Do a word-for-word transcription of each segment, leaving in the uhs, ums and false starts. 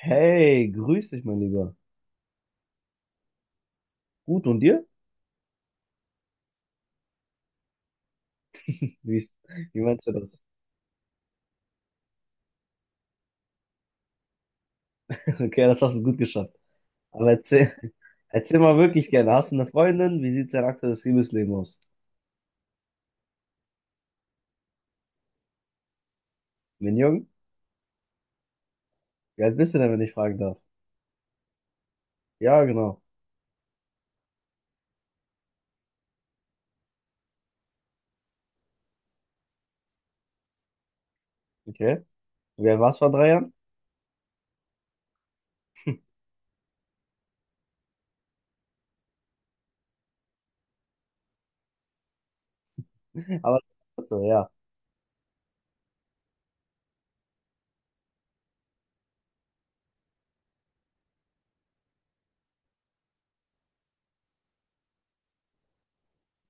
Hey, grüß dich, mein Lieber. Gut, und dir? Wie, ist- wie meinst du das? Okay, das hast du gut geschafft. Aber erzähl, erzähl mal wirklich gerne. Hast du eine Freundin? Wie sieht dein aktuelles Liebesleben aus? Bin jung? Wie alt bist du denn, wenn ich fragen darf? Ja, genau. Okay. Wie alt warst du vor drei Jahren? Aber, also, ja.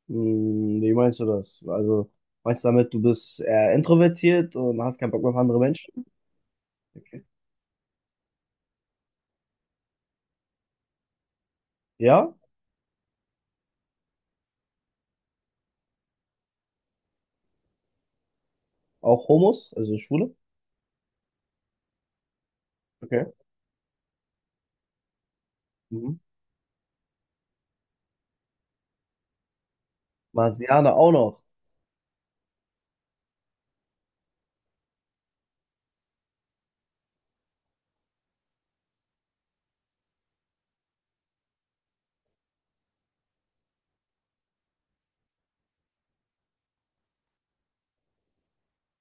Hm, wie meinst du das? Also, meinst du damit, du bist eher introvertiert und hast keinen Bock auf andere Menschen? Okay. Ja? Auch Homos, also Schwule? Okay. Mhm. Marsianer auch noch.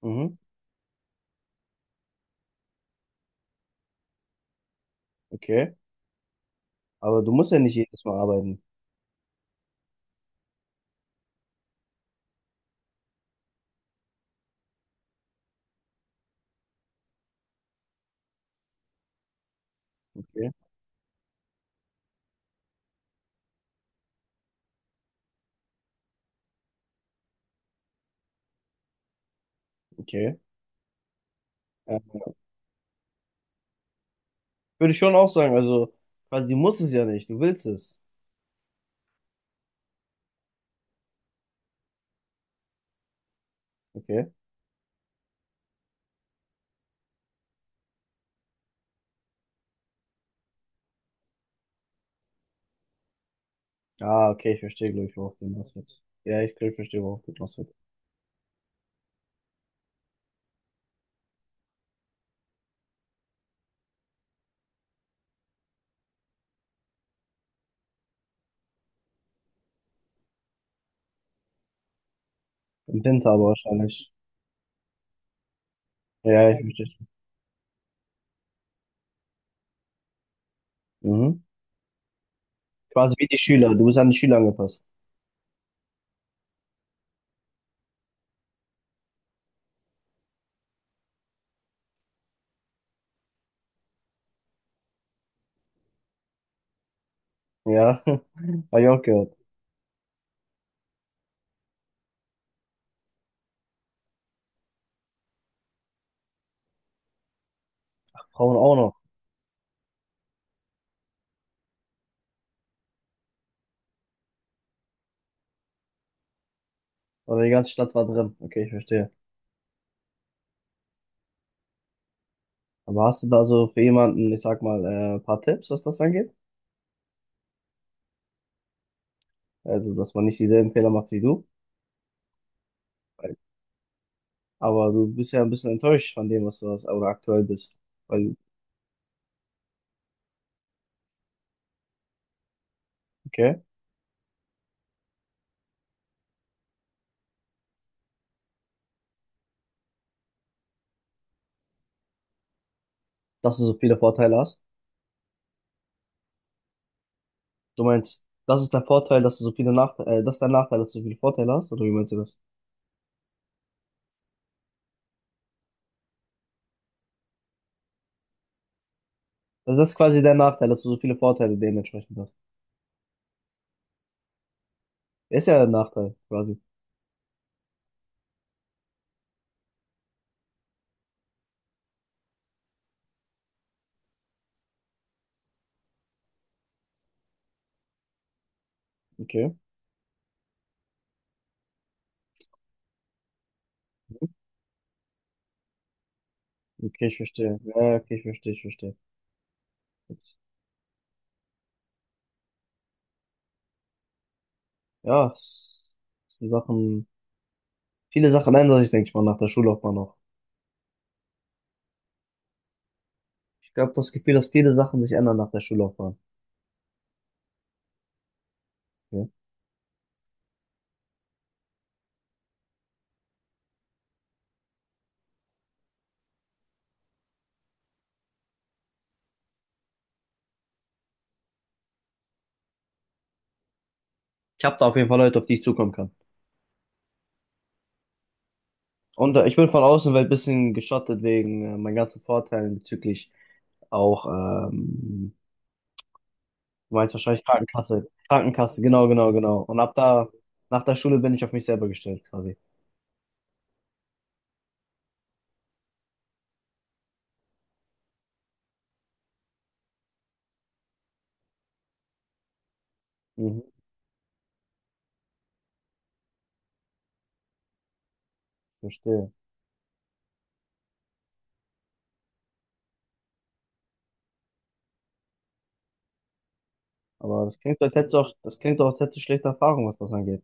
Mhm. Okay. Aber du musst ja nicht jedes Mal arbeiten. Okay, okay. Ja. Würde ich schon auch sagen, also quasi du musst es ja nicht, du willst es. Okay. Ah, okay, ich verstehe, glaube ich, worauf du hinaus willst. Ja, ich glaube, ich verstehe, worauf du hinaus willst. Im Winter aber wahrscheinlich. Ja, ja, ich verstehe schon. Mhm. Quasi wie die Schüler, du bist an die Schüler angepasst. Ja, habe ich auch gehört. Frauen auch noch. Oder die ganze Stadt war drin. Okay, ich verstehe. Aber hast du da so für jemanden, ich sag mal, äh, ein paar Tipps, was das angeht? Also, dass man nicht dieselben Fehler macht wie du? Aber du bist ja ein bisschen enttäuscht von dem, was du hast, oder aktuell bist. Weil, okay, dass du so viele Vorteile hast. Du meinst, das ist der Vorteil, dass du so viele Nachteile, äh, das ist der Nachteil, dass du so viele Vorteile hast, oder wie meinst du das? Also das ist quasi der Nachteil, dass du so viele Vorteile dementsprechend hast. Ist ja der Nachteil, quasi. Okay. Okay, ich verstehe. Ja, ja, okay, ich verstehe, ich verstehe. Ja, es es sind Sachen, viele Sachen ändern sich, denke ich mal, nach der Schullaufbahn noch. Ich glaube, das Gefühl, dass viele Sachen sich ändern nach der Schullaufbahn. Ja. Ich habe da auf jeden Fall Leute, auf die ich zukommen kann. Und äh, ich bin von außen weil ein bisschen geschottet wegen äh, meinen ganzen Vorteilen bezüglich auch, ähm, du meinst wahrscheinlich Krankenkasse. Krankenkasse, genau, genau, genau. Und ab da, nach der Schule bin ich auf mich selber gestellt, quasi. Mhm, verstehe. Aber das klingt, als hättest du auch, das klingt auch, als hättest du schlechte Erfahrungen, was das angeht.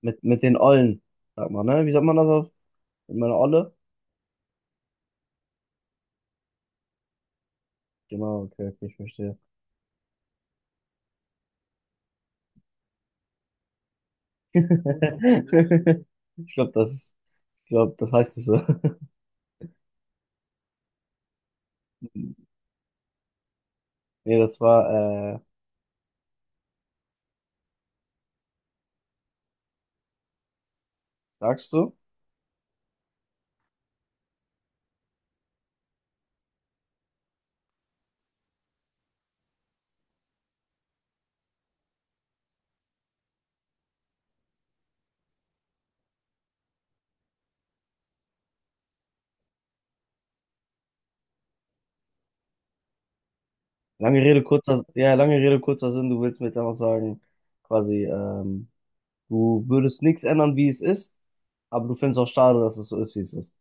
Mit, mit den Ollen, sag mal, ne? Wie sagt man das auf? Mit meiner Olle? Genau, okay, okay, ich verstehe. Ich glaube, das, ich glaub, das heißt es so. Nee, das war, äh, sagst du? Lange Rede, kurzer, ja, lange Rede, kurzer Sinn, du willst mir jetzt einfach sagen, quasi, ähm, du würdest nichts ändern, wie es ist, aber du findest auch schade, dass es so ist, wie es ist.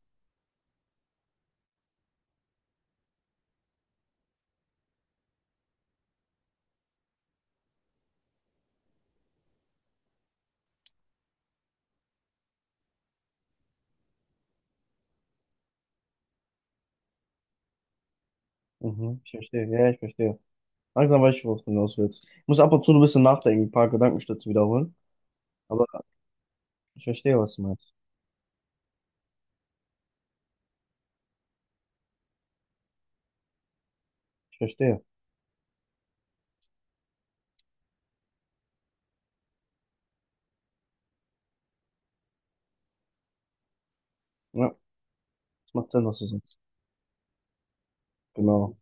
Mhm, ich verstehe, ja, ich verstehe. Langsam weiß ich, worauf du hinaus willst. Ich muss ab und zu ein bisschen nachdenken, ein paar Gedankenstütze wiederholen, aber ich verstehe, was du meinst. Ich verstehe. Ja, es macht Sinn, was du sagst. Genau.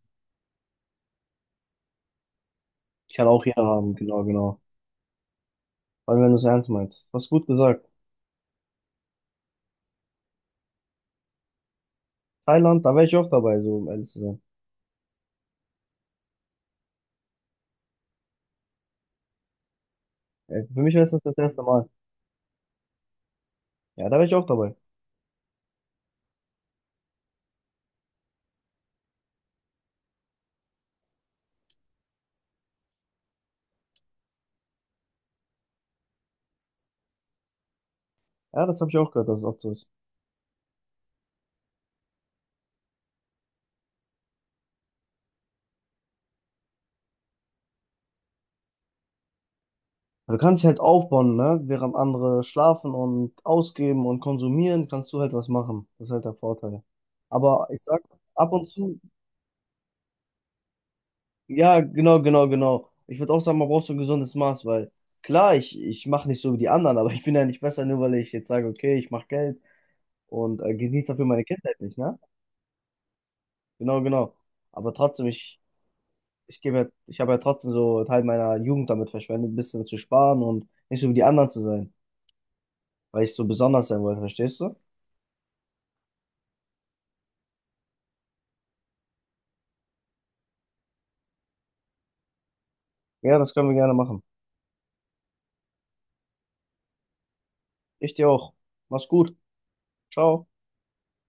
Ich kann auch jeder haben, genau, genau. Vor allem, wenn du es ernst meinst. Was gut gesagt. Thailand, da wäre ich auch dabei, so um ehrlich zu sein. Äh, Für mich wäre es das das erste Mal. Ja, da wäre ich auch dabei. Ja, das habe ich auch gehört, dass es oft so ist. Du kannst dich halt aufbauen, ne? Während andere schlafen und ausgeben und konsumieren, kannst du halt was machen. Das ist halt der Vorteil. Aber ich sag, ab und zu, ja, genau, genau, genau. Ich würde auch sagen, man braucht so ein gesundes Maß, weil klar, ich, ich mache nicht so wie die anderen, aber ich bin ja nicht besser, nur weil ich jetzt sage, okay, ich mache Geld und äh, genieße dafür meine Kindheit nicht, ne? Genau, genau. Aber trotzdem, ich, ich gebe, ja- ich habe ja trotzdem so Teil meiner Jugend damit verschwendet, ein bisschen zu sparen und nicht so wie die anderen zu sein, weil ich so besonders sein wollte, verstehst du? Ja, das können wir gerne machen. Ich dir auch. Mach's gut. Ciao.